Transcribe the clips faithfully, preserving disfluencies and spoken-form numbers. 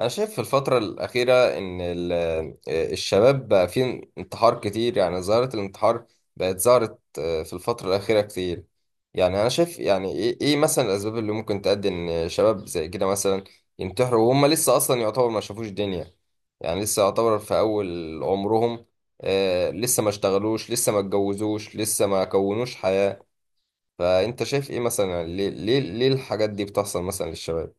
أنا شايف في الفترة الأخيرة إن ال- آه، الشباب بقى فيه انتحار كتير. يعني ظاهرة الانتحار بقت ظهرت آه، في الفترة الأخيرة كتير. يعني أنا شايف، يعني إيه إيه مثلا الأسباب اللي ممكن تؤدي إن شباب زي كده مثلا ينتحروا وهم لسه أصلا يعتبر ما شافوش دنيا. يعني لسه يعتبر في أول عمرهم، آه، لسه ما اشتغلوش، لسه ما اتجوزوش، لسه ما كونوش حياة. فأنت شايف إيه مثلا، يعني ليه ليه ليه الحاجات دي بتحصل مثلا للشباب؟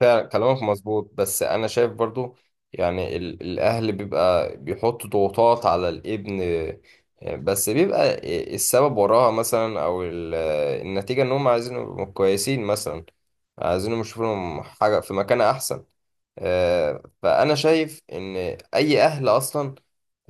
فعلا كلامك مظبوط، بس انا شايف برضو يعني ال- الاهل بيبقى بيحط ضغوطات على الابن، آه، بس بيبقى السبب وراها مثلا، او ال- النتيجة ان هم عايزينهم يبقوا كويسين مثلا، عايزينهم يشوفوا لهم حاجة في مكان احسن. آه، فانا شايف ان اي اهل اصلا،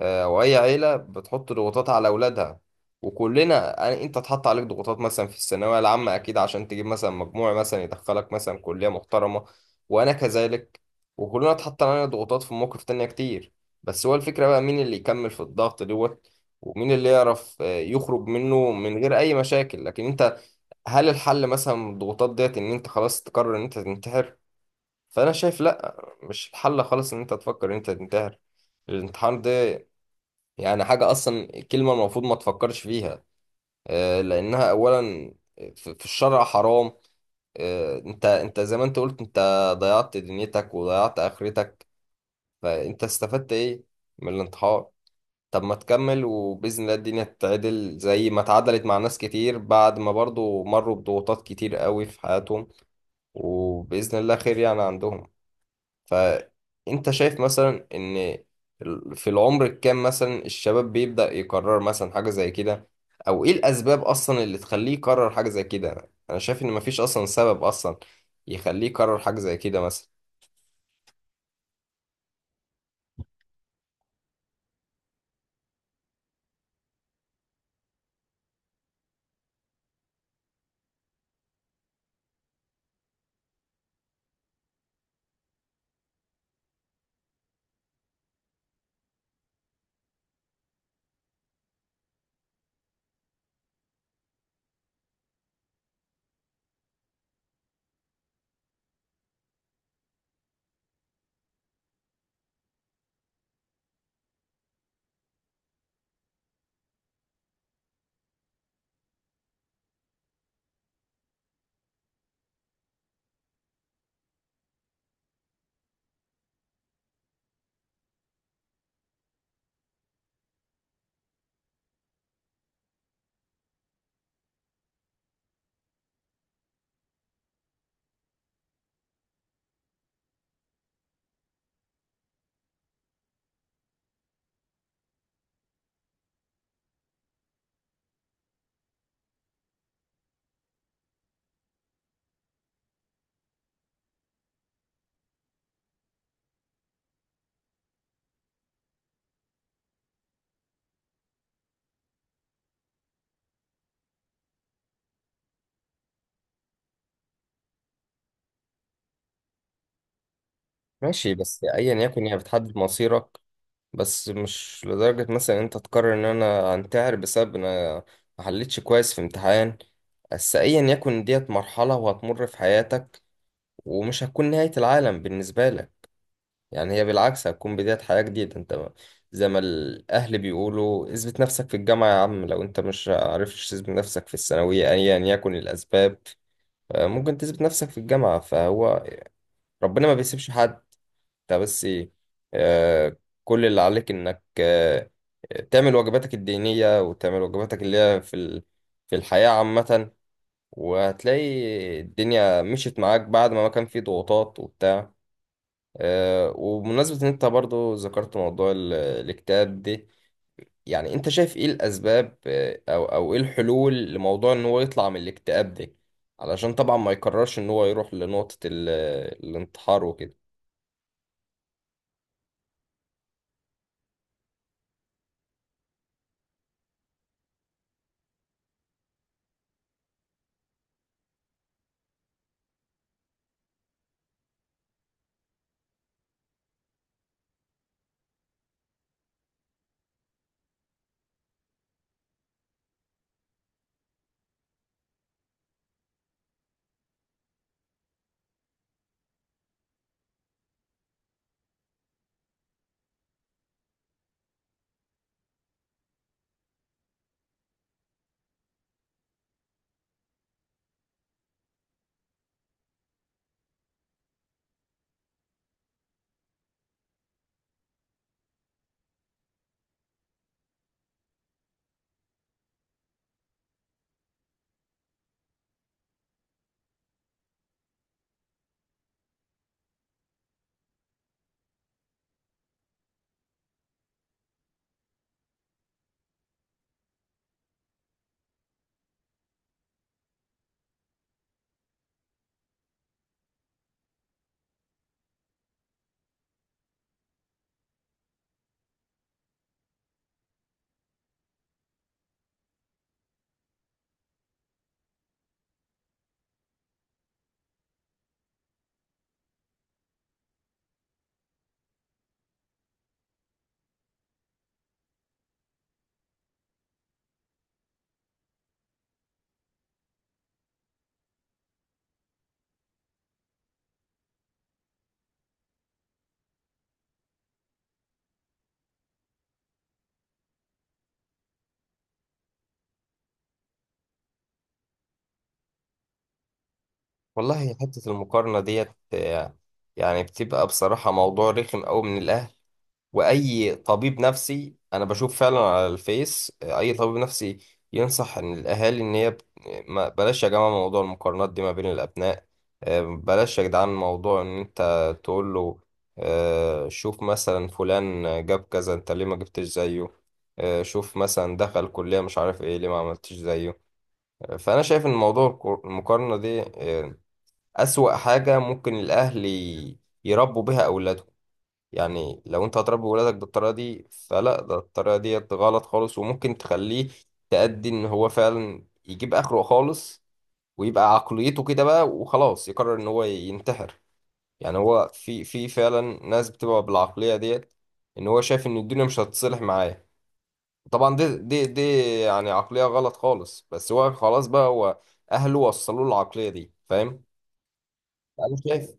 آه، واي عيله بتحط ضغوطات على اولادها. وكلنا أنا- انت اتحط عليك ضغوطات مثلا في الثانويه العامه، اكيد عشان تجيب مثلا مجموع مثلا يدخلك مثلا كليه محترمه. وانا كذلك. وكلنا اتحط علينا ضغوطات في مواقف تانية كتير. بس هو الفكرة بقى مين اللي يكمل في الضغط دوت، ومين اللي يعرف، آه، يخرج منه من غير اي مشاكل. لكن انت، هل الحل مثلا من الضغوطات ديت ان انت خلاص تقرر ان انت تنتحر؟ فانا شايف لا، مش الحل خالص ان انت تفكر ان انت تنتحر. الانتحار ده يعني حاجة اصلا، كلمة المفروض ما تفكرش فيها، آه، لانها اولا في في الشرع حرام. آه، انت، انت زي ما انت قلت، انت ضيعت دنيتك وضيعت اخرتك. فانت استفدت ايه من الانتحار؟ طب ما تكمل، وباذن الله الدنيا تتعدل زي ما اتعدلت مع ناس كتير بعد ما برضو مروا بضغوطات كتير قوي في حياتهم. وباذن الله خير يعني عندهم. فانت شايف مثلا ان ال- في العمر الكام مثلا الشباب بيبدأ يقرر مثلا حاجة زي كده، او ايه الاسباب اصلا اللي تخليه يقرر حاجة زي كده؟ انا شايف ان مفيش اصلا سبب اصلا يخليه يقرر حاجة زي كده مثلا. ماشي، بس ايا يكن هي بتحدد مصيرك، بس مش لدرجة مثلا انت تقرر ان انا انتحر بسبب ان انا ما حلتش كويس في امتحان. بس ايا يكن، ديت مرحلة وهتمر في حياتك، ومش هتكون نهاية العالم بالنسبة لك. يعني هي بالعكس هتكون بداية حياة جديدة. انت ما- زي ما الاهل بيقولوا، اثبت نفسك في الجامعة يا عم. لو انت مش عرفتش تثبت نفسك في الثانوية ايا يكن الاسباب، آه، ممكن تثبت نفسك في الجامعة. فهو ربنا ما بيسيبش حد. انت بس ايه، آه، كل اللي عليك انك آه، تعمل واجباتك الدينية، وتعمل واجباتك اللي هي في ال... في الحياة عامة. وهتلاقي الدنيا مشيت معاك بعد ما ما كان في ضغوطات وبتاع. آه، وبمناسبة ان انت برضو ذكرت موضوع ال... الاكتئاب دي، يعني انت شايف ايه الاسباب، آه، او او ايه الحلول لموضوع ان هو يطلع من الاكتئاب ده؟ علشان طبعا ما يكررش ان هو يروح لنقطة ال... الانتحار وكده. والله حتة المقارنة ديت، آه، يعني بتبقى بصراحة موضوع رخم أوي من الأهل. وأي طبيب نفسي أنا بشوف فعلا على الفيس، آه، أي طبيب نفسي ينصح إن الأهالي إن هي ب- ما- بلاش يا جماعة موضوع المقارنات دي ما بين الأبناء. آه، بلاش يا جدعان موضوع إن أنت تقول له، آه، شوف مثلا فلان جاب كذا، أنت ليه ما جبتش زيه؟ آه، شوف مثلا دخل كلية مش عارف إيه، ليه ما عملتش زيه؟ فأنا شايف إن موضوع الكر- المقارنة دي، آه، أسوأ حاجة ممكن الأهل ي- يربوا بها أولادهم. يعني لو أنت هتربي ولادك بالطريقة دي، فلا، ده الطريقة دي غلط خالص، وممكن تخليه تأدي إن هو فعلا يجيب آخره خالص، ويبقى عقليته كده بقى وخلاص يقرر إن هو ينتحر. يعني هو في في فعلا ناس بتبقى بالعقلية ديت، إن هو شايف إن الدنيا مش هتصلح معاه. طبعا دي دي دي يعني عقلية غلط خالص، بس هو خلاص بقى، هو أهله وصلوا له العقلية دي، فاهم؟ أنا شايف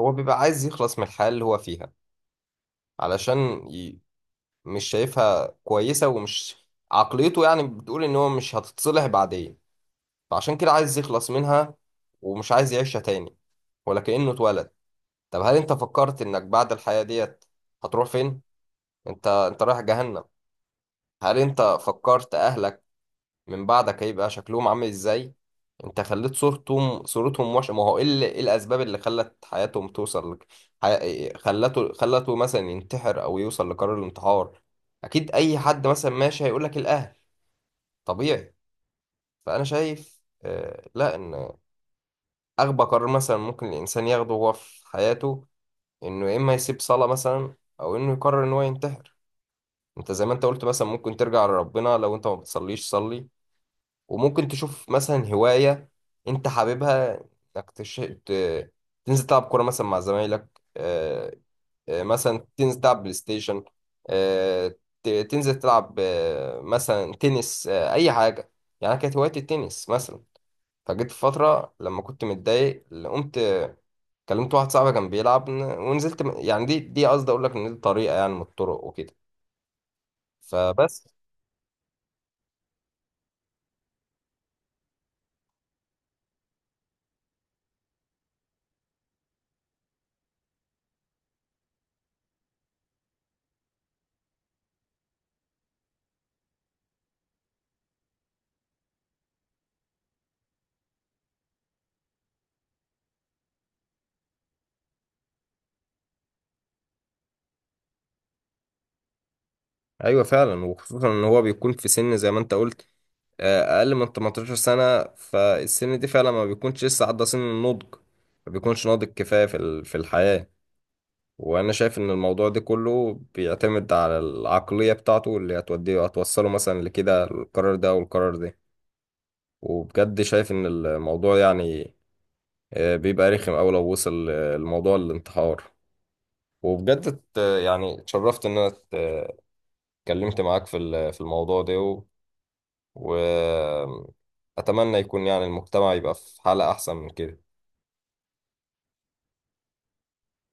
هو بيبقى عايز يخلص من الحياة اللي هو فيها، علشان ي... مش شايفها كويسة ومش، عقليته يعني بتقول ان هو مش هتتصلح بعدين، فعشان كده عايز يخلص منها ومش عايز يعيشها تاني، ولا كأنه اتولد. طب هل انت فكرت انك بعد الحياة ديت هتروح فين؟ انت، انت رايح جهنم. هل انت فكرت اهلك من بعدك هيبقى شكلهم عامل ازاي؟ انت خليت صورتهم صورتهم وحشه. ما هو ايه ال- إيه الاسباب اللي خلت حياتهم توصل لك، حي... خلته خلته مثلا ينتحر او يوصل لقرار الانتحار. اكيد اي حد مثلا ماشي هيقول لك الاهل، طبيعي. فانا شايف آه لا، ان اغبى قرار مثلا ممكن الانسان ياخده هو في حياته، انه يا اما يسيب صلاه مثلا، او انه يقرر ان هو ينتحر. انت زي ما انت قلت، مثلا ممكن ترجع لربنا، لو انت ما بتصليش صلي، وممكن تشوف مثلا هواية انت حاببها، انك تش... ت... تنزل تلعب كورة مثلا مع زمايلك، آه، آه، مثلا تنزل تلعب بلاي ستيشن، آه، ت- تنزل تلعب، آه، مثلا تنس، آه، اي حاجة. يعني أنا كانت هوايتي التنس مثلا، فجيت في فترة لما كنت متضايق، قمت كلمت واحد صاحبي كان بيلعب، ن- ونزلت م- يعني دي دي قصدي اقول لك ان دي طريقة يعني من الطرق وكده. فبس، ايوه فعلا. وخصوصا ان هو بيكون في سن زي ما انت قلت، آه، اقل من تمنتاشر سنه. فالسن دي فعلا ما بيكونش لسه عدى سن النضج، ما بيكونش ناضج كفايه في ال- في الحياه. وانا شايف ان الموضوع ده كله بيعتمد على العقليه بتاعته اللي هتوديه هتوصله مثلا لكده القرار ده او القرار ده. وبجد شايف ان الموضوع يعني، آه، بيبقى رخم اوي لو وصل، آه، الموضوع للانتحار. وبجد ات- يعني اتشرفت ان انا ات- اتكلمت معاك في ال- في الموضوع ده. وأتمنى يكون يعني المجتمع يبقى في حالة أحسن من كده.